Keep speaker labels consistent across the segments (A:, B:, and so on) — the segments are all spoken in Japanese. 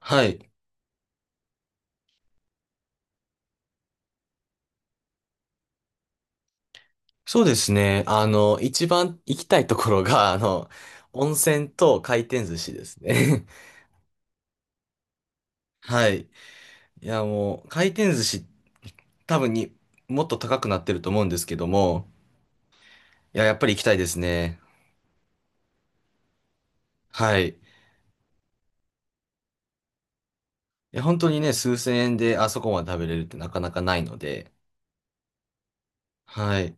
A: はい。そうですね。一番行きたいところが、温泉と回転寿司ですね。はい。いや、もう、回転寿司、多分に、もっと高くなってると思うんですけども、いや、やっぱり行きたいですね。はい。いや、本当にね、数千円であそこまで食べれるってなかなかないので、はい。い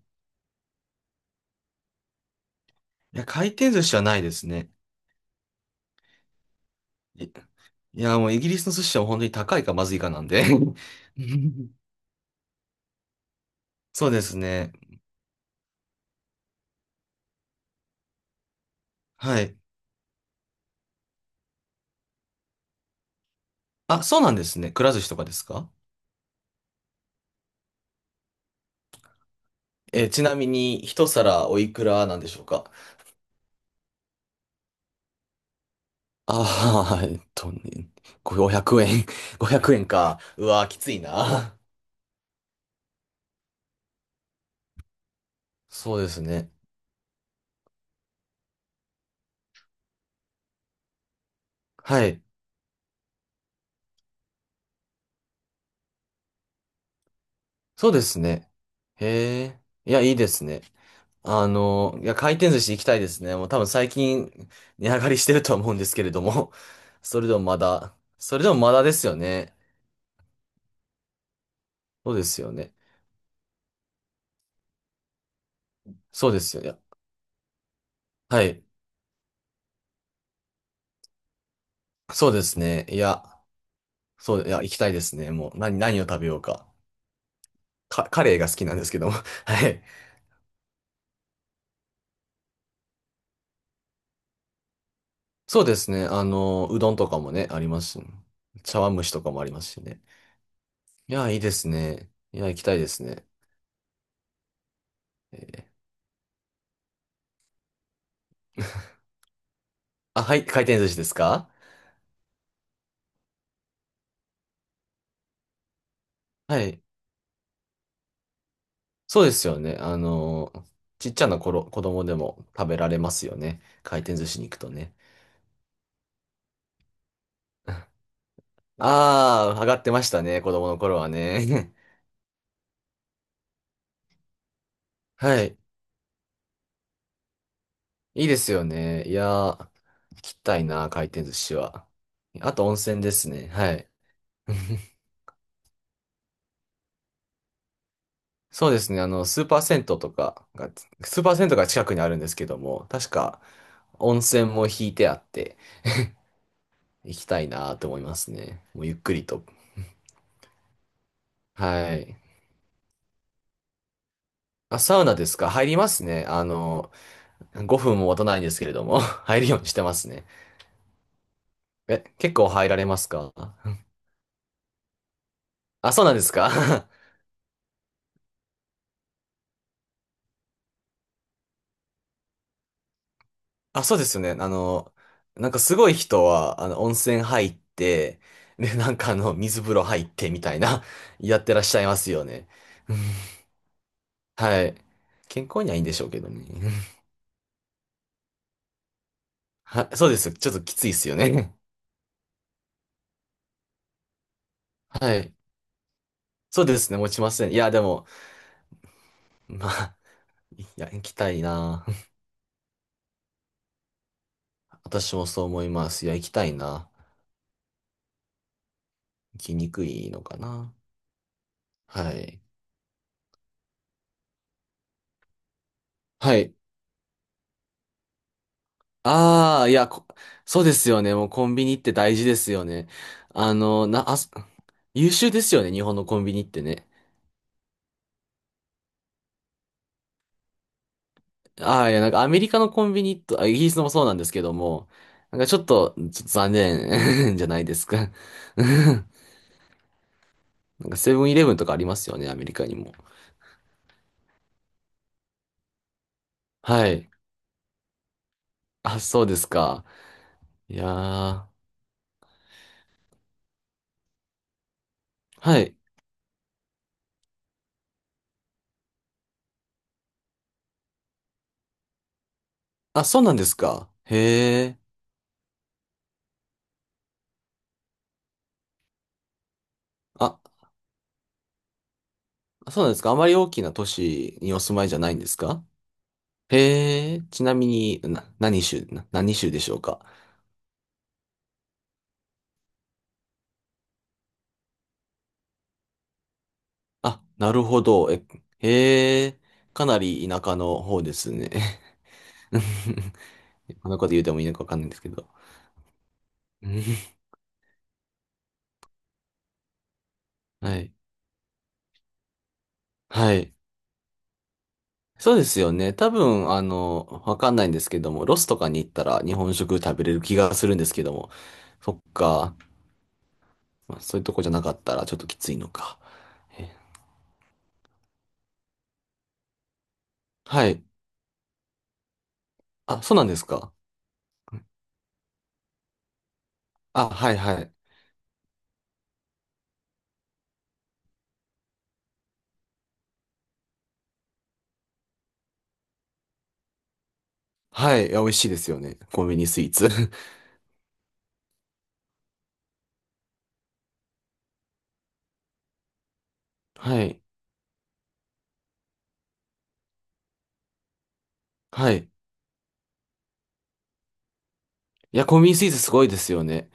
A: や、回転寿司はないですね。い、いや、もうイギリスの寿司は本当に高いかまずいかなんで。そうですね。はい。あ、そうなんですね。くら寿司とかですか？ちなみに、一皿おいくらなんでしょうか？ああー、500円。500円か。うわー、きついな。そうですね。はい。そうですね。へえ。いや、いいですね。いや、回転寿司行きたいですね。もう多分最近、値上がりしてるとは思うんですけれども。それでもまだ、それでもまだですよね。そうですよね。そうですよ。いやはい。そうですね。いや、そう、いや、行きたいですね。もう、何を食べようか。カレーが好きなんですけども。はい。そうですね。うどんとかもね、ありますし、茶碗蒸しとかもありますしね。いや、いいですね。いや、行きたいですね。えー あ、はい、回転寿司ですか？はい。そうですよね。ちっちゃな頃、子供でも食べられますよね。回転寿司に行くとね。ああ、上がってましたね、子供の頃はね。はい。いいですよね。いやー、行きたいな、回転寿司は。あと温泉ですね。はい。そうですね。スーパー銭湯が近くにあるんですけども、確か温泉も引いてあって行きたいなと思いますね。もうゆっくりと。はい。あ、サウナですか？入りますね。5分も待たないんですけれども、入るようにしてますね。え、結構入られますか？あ、そうなんですか？ あ、そうですよね。なんかすごい人は、温泉入って、で、なんか水風呂入ってみたいな、やってらっしゃいますよね。はい。健康にはいいんでしょうけどね。はそうです。ちょっときついですよね。はい。そうですね。持ちません。いや、でも、まあ、いや、行きたいな。私もそう思います。いや、行きたいな。行きにくいのかな。はい。はい。ああ、いや、こそうですよね。もうコンビニって大事ですよね。あの、な、あ、優秀ですよね。日本のコンビニってね。ああ、いや、なんかアメリカのコンビニと、あ、イギリスのもそうなんですけども、なんかちょっと残念 じゃないですか。なんかセブンイレブンとかありますよね、アメリカにも。はい。あ、そうですか。いやー。はい。あ、そうなんですか。へえ。あ、そうなんですか。あまり大きな都市にお住まいじゃないんですか？へえ。ちなみに、な、何州、な、何州でしょうか。あ、なるほど。え、へえ。かなり田舎の方ですね。こんなこと言うてもいいのかわかんないんですけど。うんはい。はい。そうですよね。多分、わかんないんですけども、ロスとかに行ったら日本食食べれる気がするんですけども、そっか。まあ、そういうとこじゃなかったらちょっときついのか。えはい。あ、そうなんですか。あ、はいはい。はい。いや、美味しいですよね。コンビニスイーツ。はい。はい。いや、コンビニスイーツすごいですよね。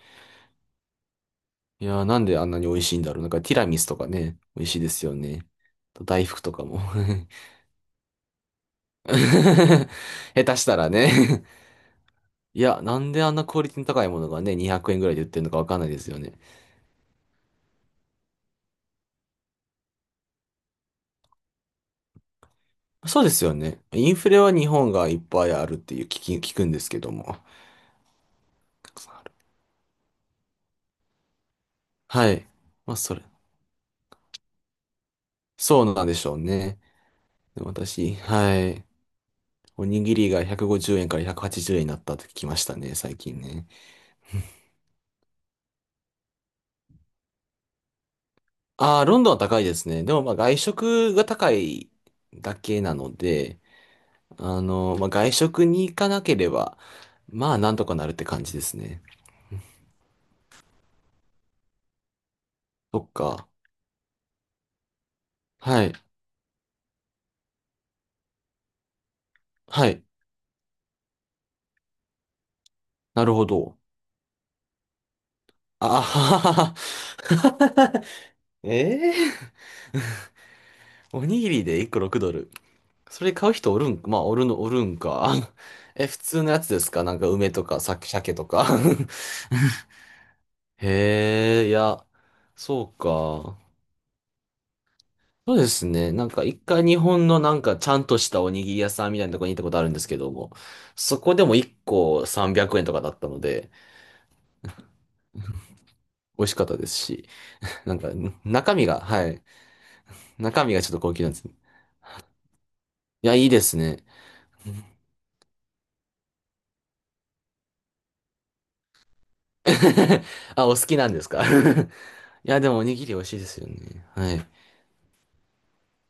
A: いや、なんであんなに美味しいんだろう。なんかティラミスとかね、美味しいですよね。あと大福とかも。下手したらね。いや、なんであんなクオリティの高いものがね、200円ぐらいで売ってるのかわかんないですよね。そうですよね。インフレは日本がいっぱいあるっていう聞くんですけども。たくさんある。はい。まあ、それ。そうなんでしょうね。で私、はい。おにぎりが150円から180円になったって聞きましたね、最近ね。ああ、ロンドンは高いですね。でもまあ外食が高いだけなので、まあ、外食に行かなければ、まあ、なんとかなるって感じですね。そっか。はい。はい。なるほど。あははは。ええ。おにぎりで1個6ドル。それ買う人おるん、まあ、おるの、おるんか。え、普通のやつですか？なんか梅とか、鮭とか。へえ、いや、そうか。そうですね。なんか一回日本のなんかちゃんとしたおにぎり屋さんみたいなところに行ったことあるんですけども、そこでも一個300円とかだったので、美味しかったですし、なんか中身が、はい。中身がちょっと高級なんですね。いや、いいですね。あ、お好きなんですか？ いや、でもおにぎり美味しいですよね。はい。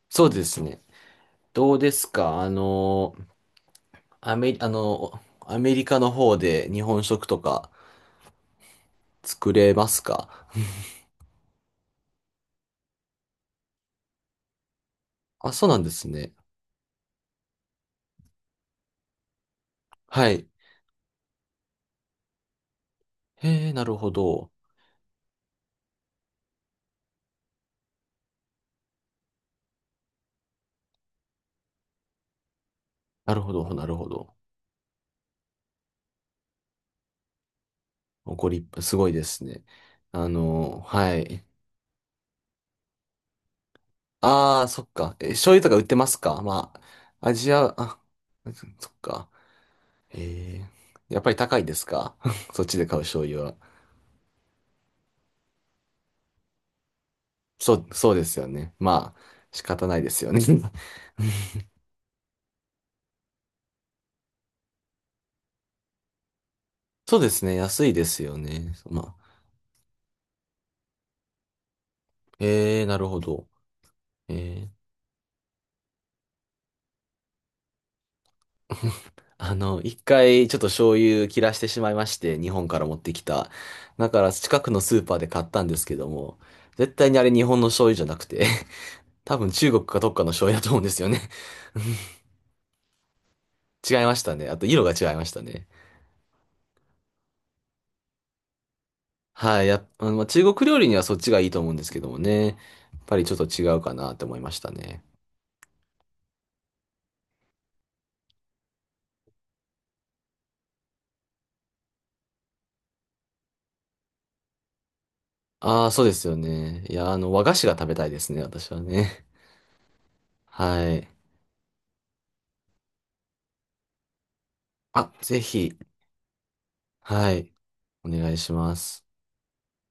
A: そうですね。どうですか？アメリカの方で日本食とか作れますか？あ、そうなんですね。はい。へえ、なるほど。なるほど、なるほど。ご立派、すごいですね。はい。ああ、そっか。え、醤油とか売ってますか？まあ、アジア、あ、そっか。ええ、やっぱり高いですか？ そっちで買う醤油は。そうですよね。まあ、仕方ないですよね。そうですね。安いですよね。まあ、ええ、なるほど。ええ 一回ちょっと醤油切らしてしまいまして、日本から持ってきた。だから近くのスーパーで買ったんですけども、絶対にあれ日本の醤油じゃなくて、多分中国かどっかの醤油だと思うんですよね。違いましたね。あと色が違いましたね。はい。やっ、あのまあ、中国料理にはそっちがいいと思うんですけどもね。やっぱりちょっと違うかなって思いましたね。ああ、そうですよね。いや、和菓子が食べたいですね、私はね。はい。あ、ぜひ、はい。お願いします。